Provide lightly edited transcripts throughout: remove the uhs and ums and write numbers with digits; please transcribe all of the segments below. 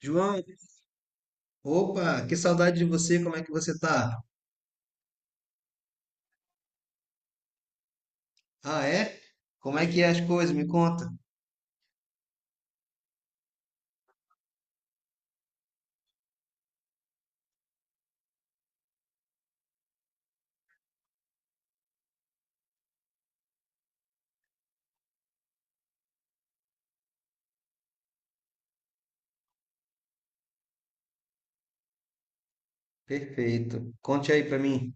João, opa, que saudade de você, como é que você tá? Ah, é? Como é que é as coisas? Me conta. Perfeito. Conte aí pra mim.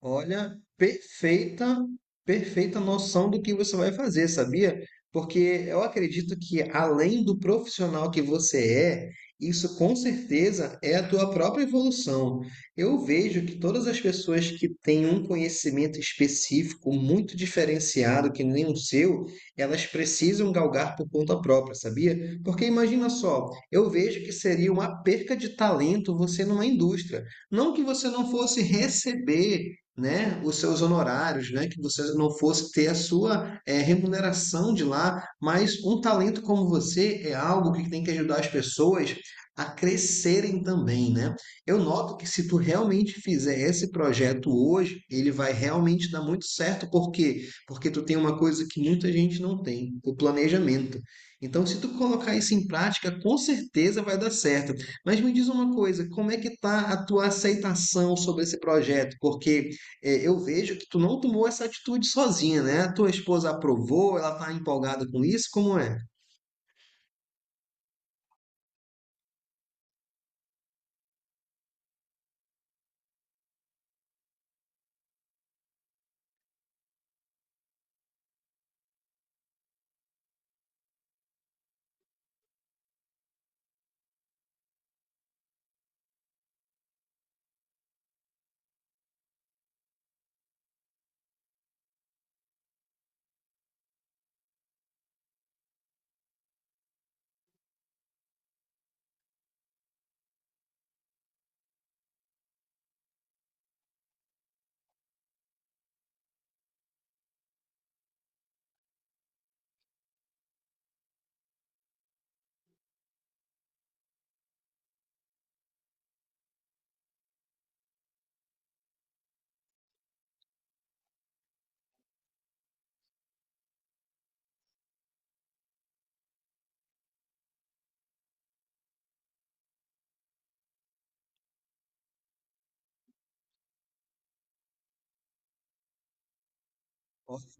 Olha, perfeita, perfeita noção do que você vai fazer, sabia? Porque eu acredito que além do profissional que você é, isso com certeza é a tua própria evolução. Eu vejo que todas as pessoas que têm um conhecimento específico muito diferenciado, que nem o seu, elas precisam galgar por conta própria, sabia? Porque imagina só, eu vejo que seria uma perca de talento você numa indústria. Não que você não fosse receber, né, os seus honorários, né, que você não fosse ter a sua remuneração de lá, mas um talento como você é algo que tem que ajudar as pessoas a crescerem também, né? Eu noto que se tu realmente fizer esse projeto hoje, ele vai realmente dar muito certo, por quê? Porque tu tem uma coisa que muita gente não tem, o planejamento. Então, se tu colocar isso em prática, com certeza vai dar certo. Mas me diz uma coisa, como é que tá a tua aceitação sobre esse projeto? Porque é, eu vejo que tu não tomou essa atitude sozinha, né? Tua esposa aprovou, ela tá empolgada com isso, como é?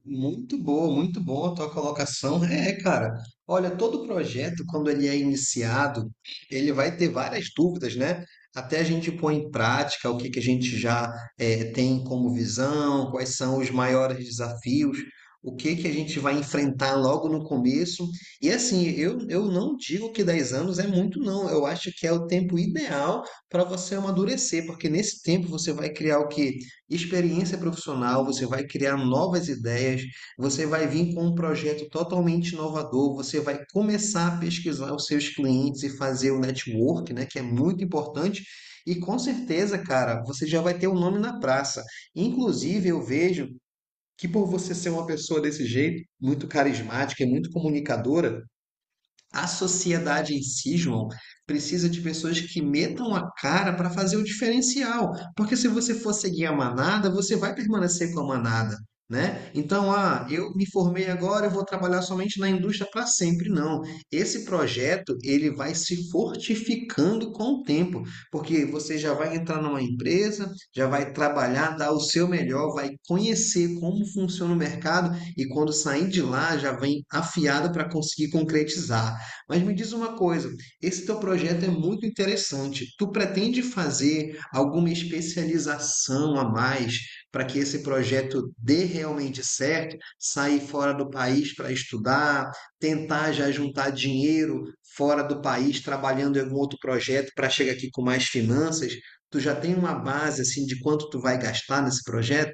Muito boa a tua colocação. É, cara. Olha, todo projeto, quando ele é iniciado, ele vai ter várias dúvidas, né? Até a gente pôr em prática o que que a gente já tem como visão, quais são os maiores desafios, o que que a gente vai enfrentar logo no começo. E assim, eu não digo que 10 anos é muito, não. Eu acho que é o tempo ideal para você amadurecer, porque nesse tempo você vai criar o quê? Experiência profissional, você vai criar novas ideias, você vai vir com um projeto totalmente inovador, você vai começar a pesquisar os seus clientes e fazer o network, né, que é muito importante. E com certeza, cara, você já vai ter o um nome na praça. Inclusive, eu vejo que por você ser uma pessoa desse jeito, muito carismática e muito comunicadora, a sociedade em si, João, precisa de pessoas que metam a cara para fazer o diferencial. Porque se você for seguir a manada, você vai permanecer com a manada, né? Então, ah, eu me formei agora, eu vou trabalhar somente na indústria para sempre. Não. Esse projeto, ele vai se fortificando com o tempo. Porque você já vai entrar numa empresa, já vai trabalhar, dar o seu melhor, vai conhecer como funciona o mercado e quando sair de lá, já vem afiado para conseguir concretizar. Mas me diz uma coisa, esse teu projeto é muito interessante. Tu pretende fazer alguma especialização a mais para que esse projeto dê realmente certo? Sair fora do país para estudar, tentar já juntar dinheiro fora do país, trabalhando em algum outro projeto para chegar aqui com mais finanças? Tu já tem uma base assim de quanto tu vai gastar nesse projeto?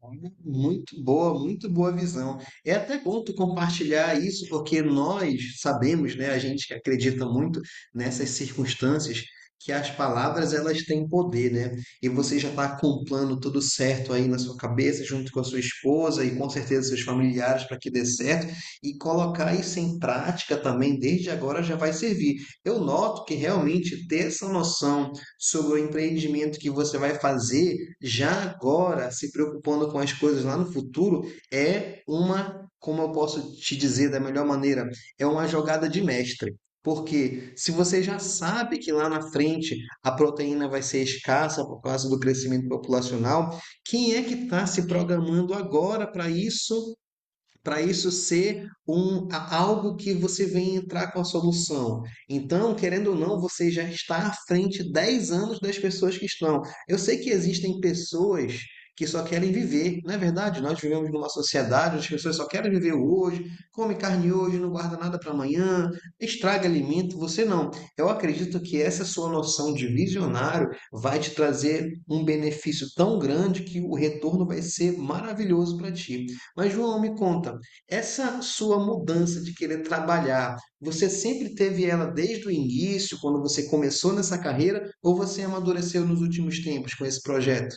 Olha, muito boa, muito boa visão. É até bom tu compartilhar isso, porque nós sabemos, né, a gente que acredita muito nessas circunstâncias, que as palavras elas têm poder, né? E você já está com um plano tudo certo aí na sua cabeça, junto com a sua esposa e com certeza seus familiares para que dê certo, e colocar isso em prática também desde agora já vai servir. Eu noto que realmente ter essa noção sobre o empreendimento que você vai fazer já agora, se preocupando com as coisas lá no futuro, é uma, como eu posso te dizer da melhor maneira, é uma jogada de mestre. Porque se você já sabe que lá na frente a proteína vai ser escassa por causa do crescimento populacional, quem é que está se programando agora para isso, para isso ser um, a- algo que você vem entrar com a solução. Então, querendo ou não, você já está à frente 10 anos das pessoas que estão. Eu sei que existem pessoas que só querem viver, não é verdade? Nós vivemos numa sociedade onde as pessoas só querem viver o hoje, come carne hoje, não guarda nada para amanhã, estraga alimento, você não. Eu acredito que essa sua noção de visionário vai te trazer um benefício tão grande que o retorno vai ser maravilhoso para ti. Mas, João, me conta, essa sua mudança de querer trabalhar, você sempre teve ela desde o início, quando você começou nessa carreira, ou você amadureceu nos últimos tempos com esse projeto?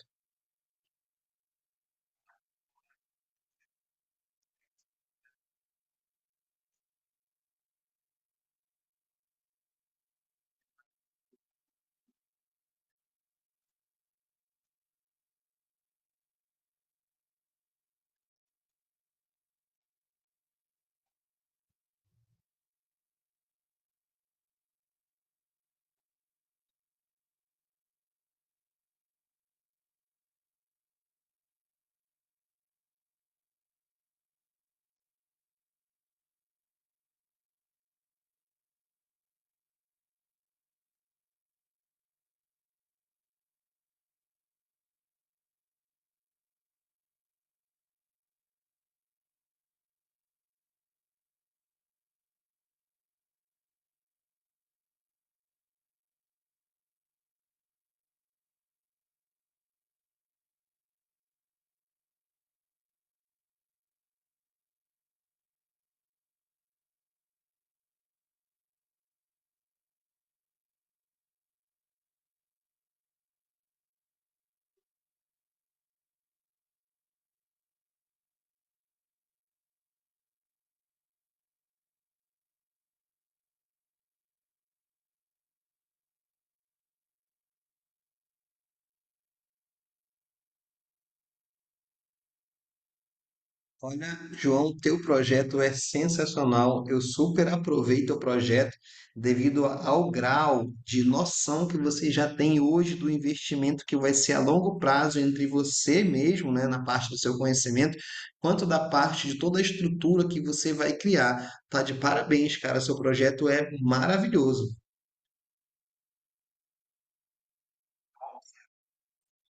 Olha, João, teu projeto é sensacional. Eu super aproveito o projeto devido a- ao grau de noção que você já tem hoje do investimento que vai ser a longo prazo entre você mesmo, né, na parte do seu conhecimento, quanto da parte de toda a estrutura que você vai criar. Tá de parabéns, cara. Seu projeto é maravilhoso.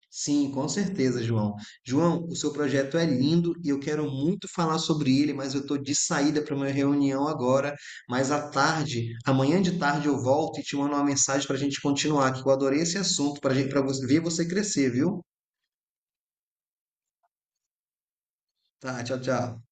Sim, com certeza, João. João, o seu projeto é lindo e eu quero muito falar sobre ele, mas eu estou de saída para uma reunião agora. Mas à tarde, amanhã de tarde, eu volto e te mando uma mensagem para a gente continuar, que eu adorei esse assunto, para ver você crescer, viu? Tá, tchau, tchau.